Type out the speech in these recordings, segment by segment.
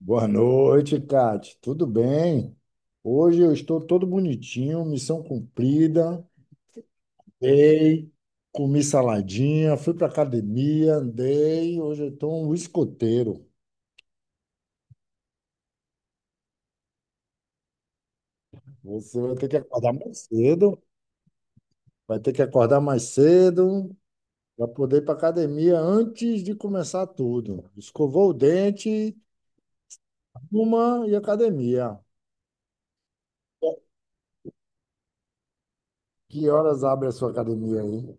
Boa noite, Kate. Tudo bem? Hoje eu estou todo bonitinho, missão cumprida. Dei, comi saladinha, fui para academia, andei. Hoje eu estou um escoteiro. Você vai ter que acordar mais cedo, vai ter que acordar mais cedo para poder ir para academia antes de começar tudo. Escovou o dente, uma e academia. Que horas abre a sua academia aí?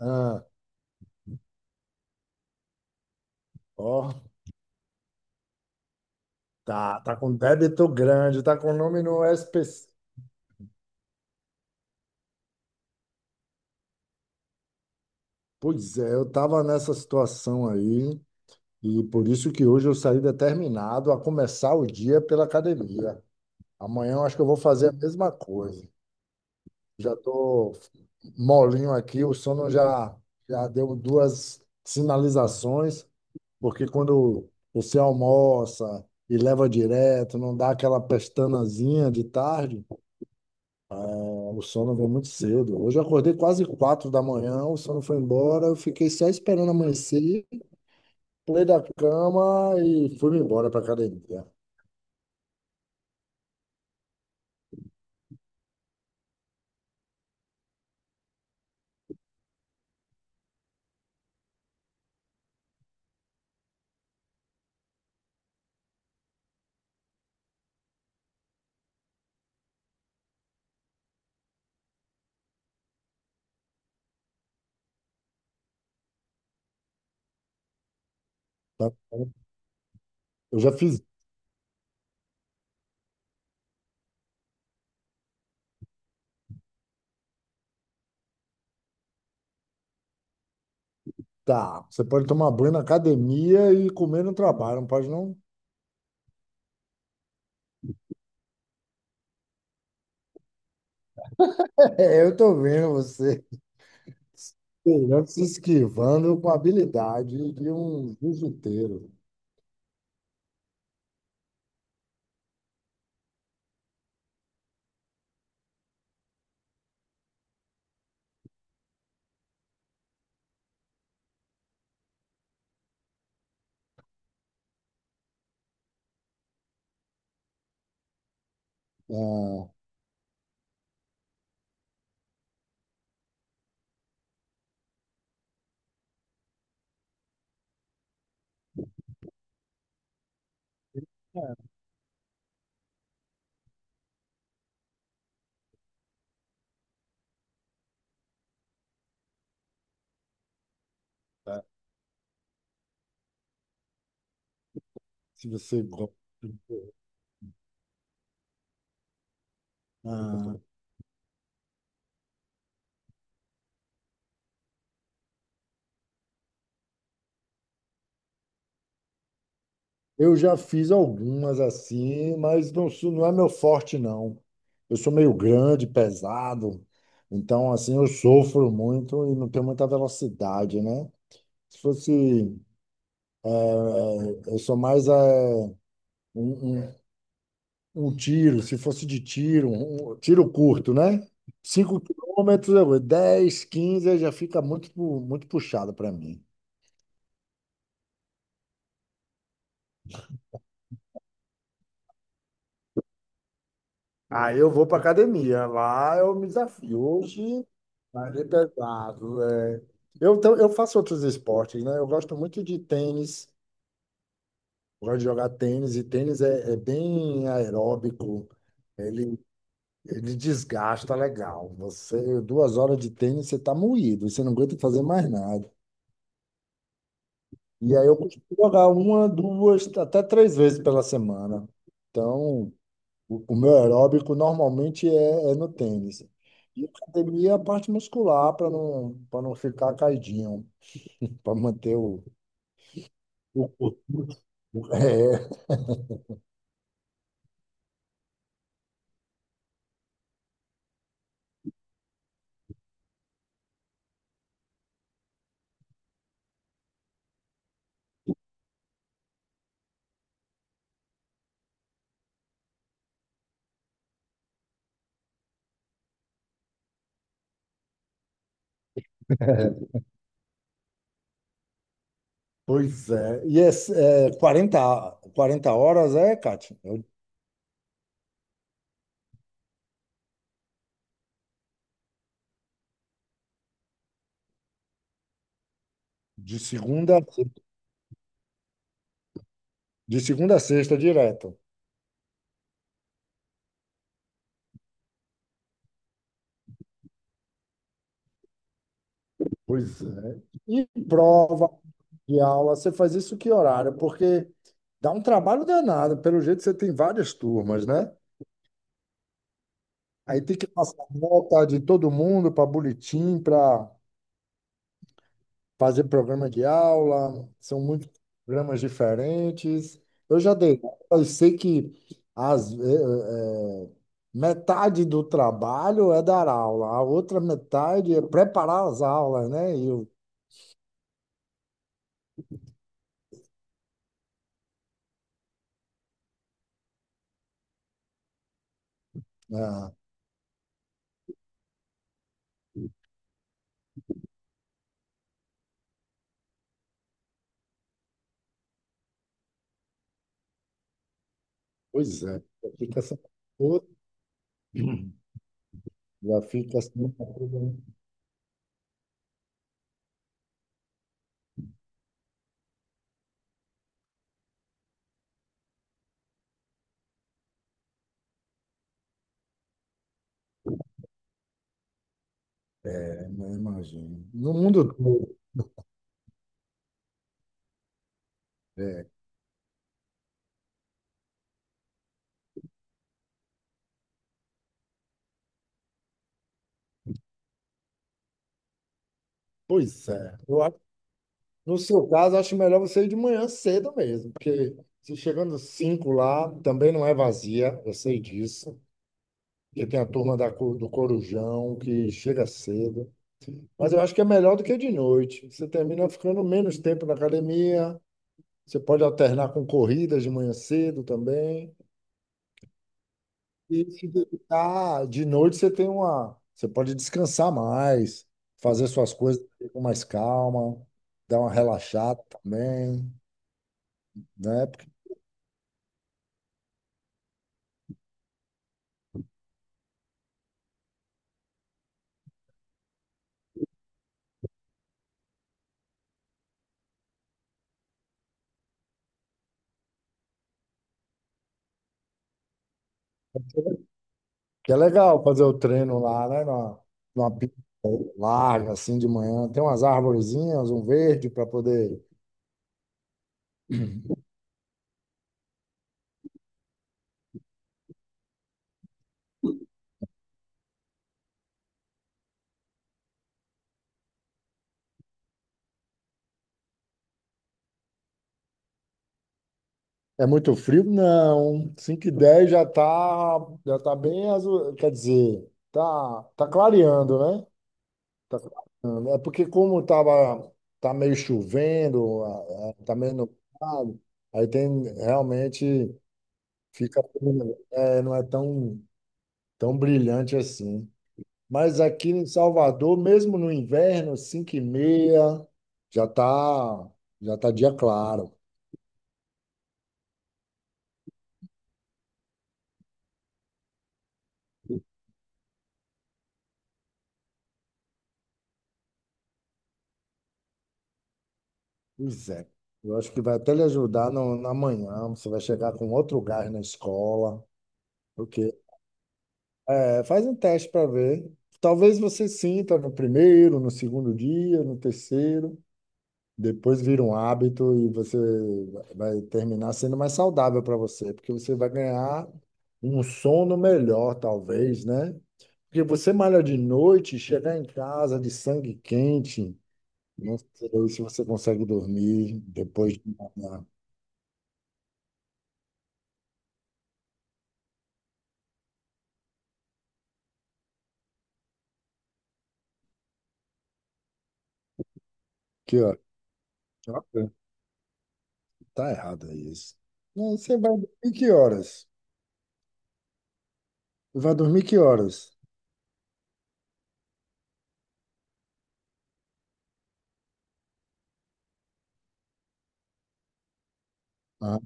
Ah, ó. Tá, tá com débito grande, tá com nome no SPC. Pois é, eu tava nessa situação aí e por isso que hoje eu saí determinado a começar o dia pela academia. Amanhã eu acho que eu vou fazer a mesma coisa. Já tô molinho aqui, o sono já deu duas sinalizações, porque quando você almoça e leva direto, não dá aquela pestanazinha de tarde. Ah, o sono veio muito cedo. Hoje eu acordei quase 4 da manhã, o sono foi embora, eu fiquei só esperando amanhecer, pulei da cama e fui embora para academia. Tá? Eu já fiz. Tá, você pode tomar banho na academia e comer no trabalho, não pode não? É, eu tô vendo você. Pelé se esquivando com a habilidade de um jiu-jiteiro. Ah, tá. Se você gosta. Eu já fiz algumas assim, mas não, não é meu forte, não. Eu sou meio grande, pesado, então assim eu sofro muito e não tenho muita velocidade, né? Se fosse, eu sou mais um, um- um tiro, se fosse de tiro, um tiro curto, né? 5 quilômetros, 10, 15 já fica muito, muito puxado para mim. Aí eu vou para academia. Lá eu me desafio. Hoje vai ser pesado. É. Eu, então, eu faço outros esportes, né? Eu gosto muito de tênis. Eu gosto de jogar tênis. E tênis é bem aeróbico. Ele, ele desgasta legal. Você, 2 horas de tênis, você está moído. Você não aguenta fazer mais nada. E aí eu costumo jogar uma, duas, até três vezes pela semana. Então, o meu aeróbico normalmente é no tênis. E academia é a parte muscular para não ficar caidinho, para manter o, o- é, pois é. E é 40, 40 horas, é, Kátia? Eu- De segunda, de segunda a sexta, direto. Pois é. E prova de aula, você faz isso que horário? Porque dá um trabalho danado. Pelo jeito, você tem várias turmas, né? Aí tem que passar nota de todo mundo para boletim, para fazer programa de aula. São muitos programas diferentes. Eu já dei, aula e sei que as, eh, eh, metade do trabalho é dar aula, a outra metade é preparar as aulas, né? Ah, pois é, fica essa outra- já fica assim, uma coisa, né? Imagino. No mundo todo. É, pois é. Eu- No seu caso, acho melhor você ir de manhã cedo mesmo, porque se chegando cinco lá, também não é vazia, eu sei disso, porque tem a turma do Corujão que chega cedo. Mas eu acho que é melhor do que de noite. Você termina ficando menos tempo na academia, você pode alternar com corridas de manhã cedo também. E se dedicar de noite, você tem uma, você pode descansar mais, fazer suas coisas com mais calma, dar uma relaxada também, né? Que é legal fazer o treino lá, né? Numa pista larga, assim, de manhã. Tem umas arvorezinhas, um verde para poder. É muito frio? Não. 5 e 10 já tá bem azul. Quer dizer, tá clareando, né? Tá clareando. É porque como tava, tá meio chovendo, tá meio nublado, aí tem realmente fica, é, não é tão, tão brilhante assim. Mas aqui em Salvador, mesmo no inverno, 5 e meia, já tá, já tá dia claro. Pois é. Eu acho que vai até lhe ajudar no, na manhã. Você vai chegar com outro gás na escola. Porque, é, faz um teste para ver. Talvez você sinta no primeiro, no segundo dia, no terceiro. Depois vira um hábito e você vai terminar sendo mais saudável para você, porque você vai ganhar um sono melhor, talvez, né? Porque você malha de noite, chegar em casa de sangue quente, não sei se você consegue dormir depois de malhar. Que hora? Ok. Tá errado aí isso. Não, você vai dormir que horas? Vai dormir que horas? Ah.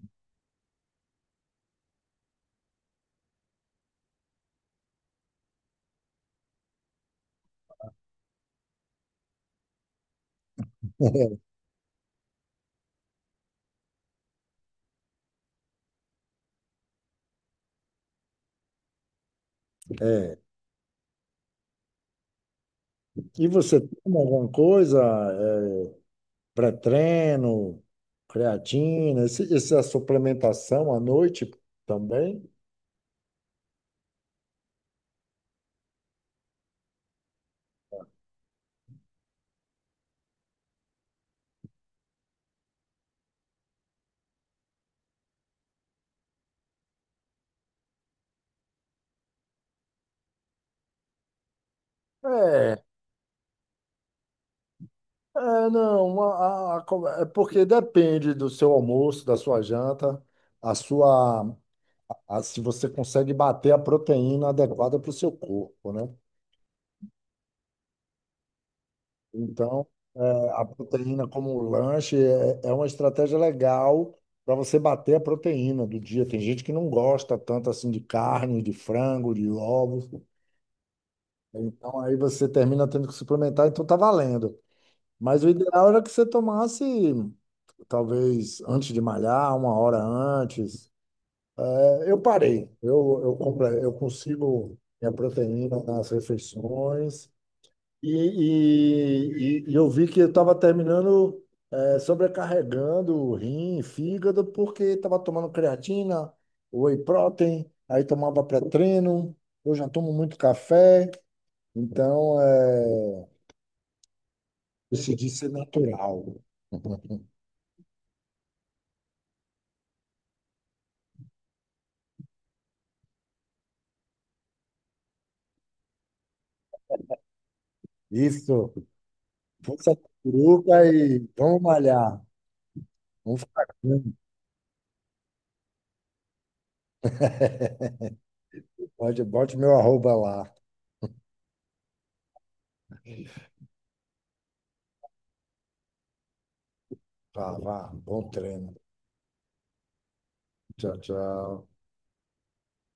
E você toma alguma coisa, eh, pré-treino, creatina, essa suplementação à noite também? É, é, não, é porque depende do seu almoço, da sua janta, a sua, a- se você consegue bater a proteína adequada para o seu corpo, né? Então, é, a proteína como lanche é uma estratégia legal para você bater a proteína do dia. Tem gente que não gosta tanto assim de carne, de frango, de ovos. Então, aí você termina tendo que suplementar, então tá valendo. Mas o ideal era que você tomasse, talvez antes de malhar, 1 hora antes. É, eu parei, eu consigo minha proteína nas refeições e eu vi que eu estava terminando, é, sobrecarregando o rim, fígado, porque estava tomando creatina, whey protein, aí tomava pré-treino, eu já tomo muito café, então é, decidi ser natural. Isso, força da curuca e vamos malhar. Um fracão. Pode, bote meu arroba lá. Vá, vá. Bom treino. Tchau, tchau.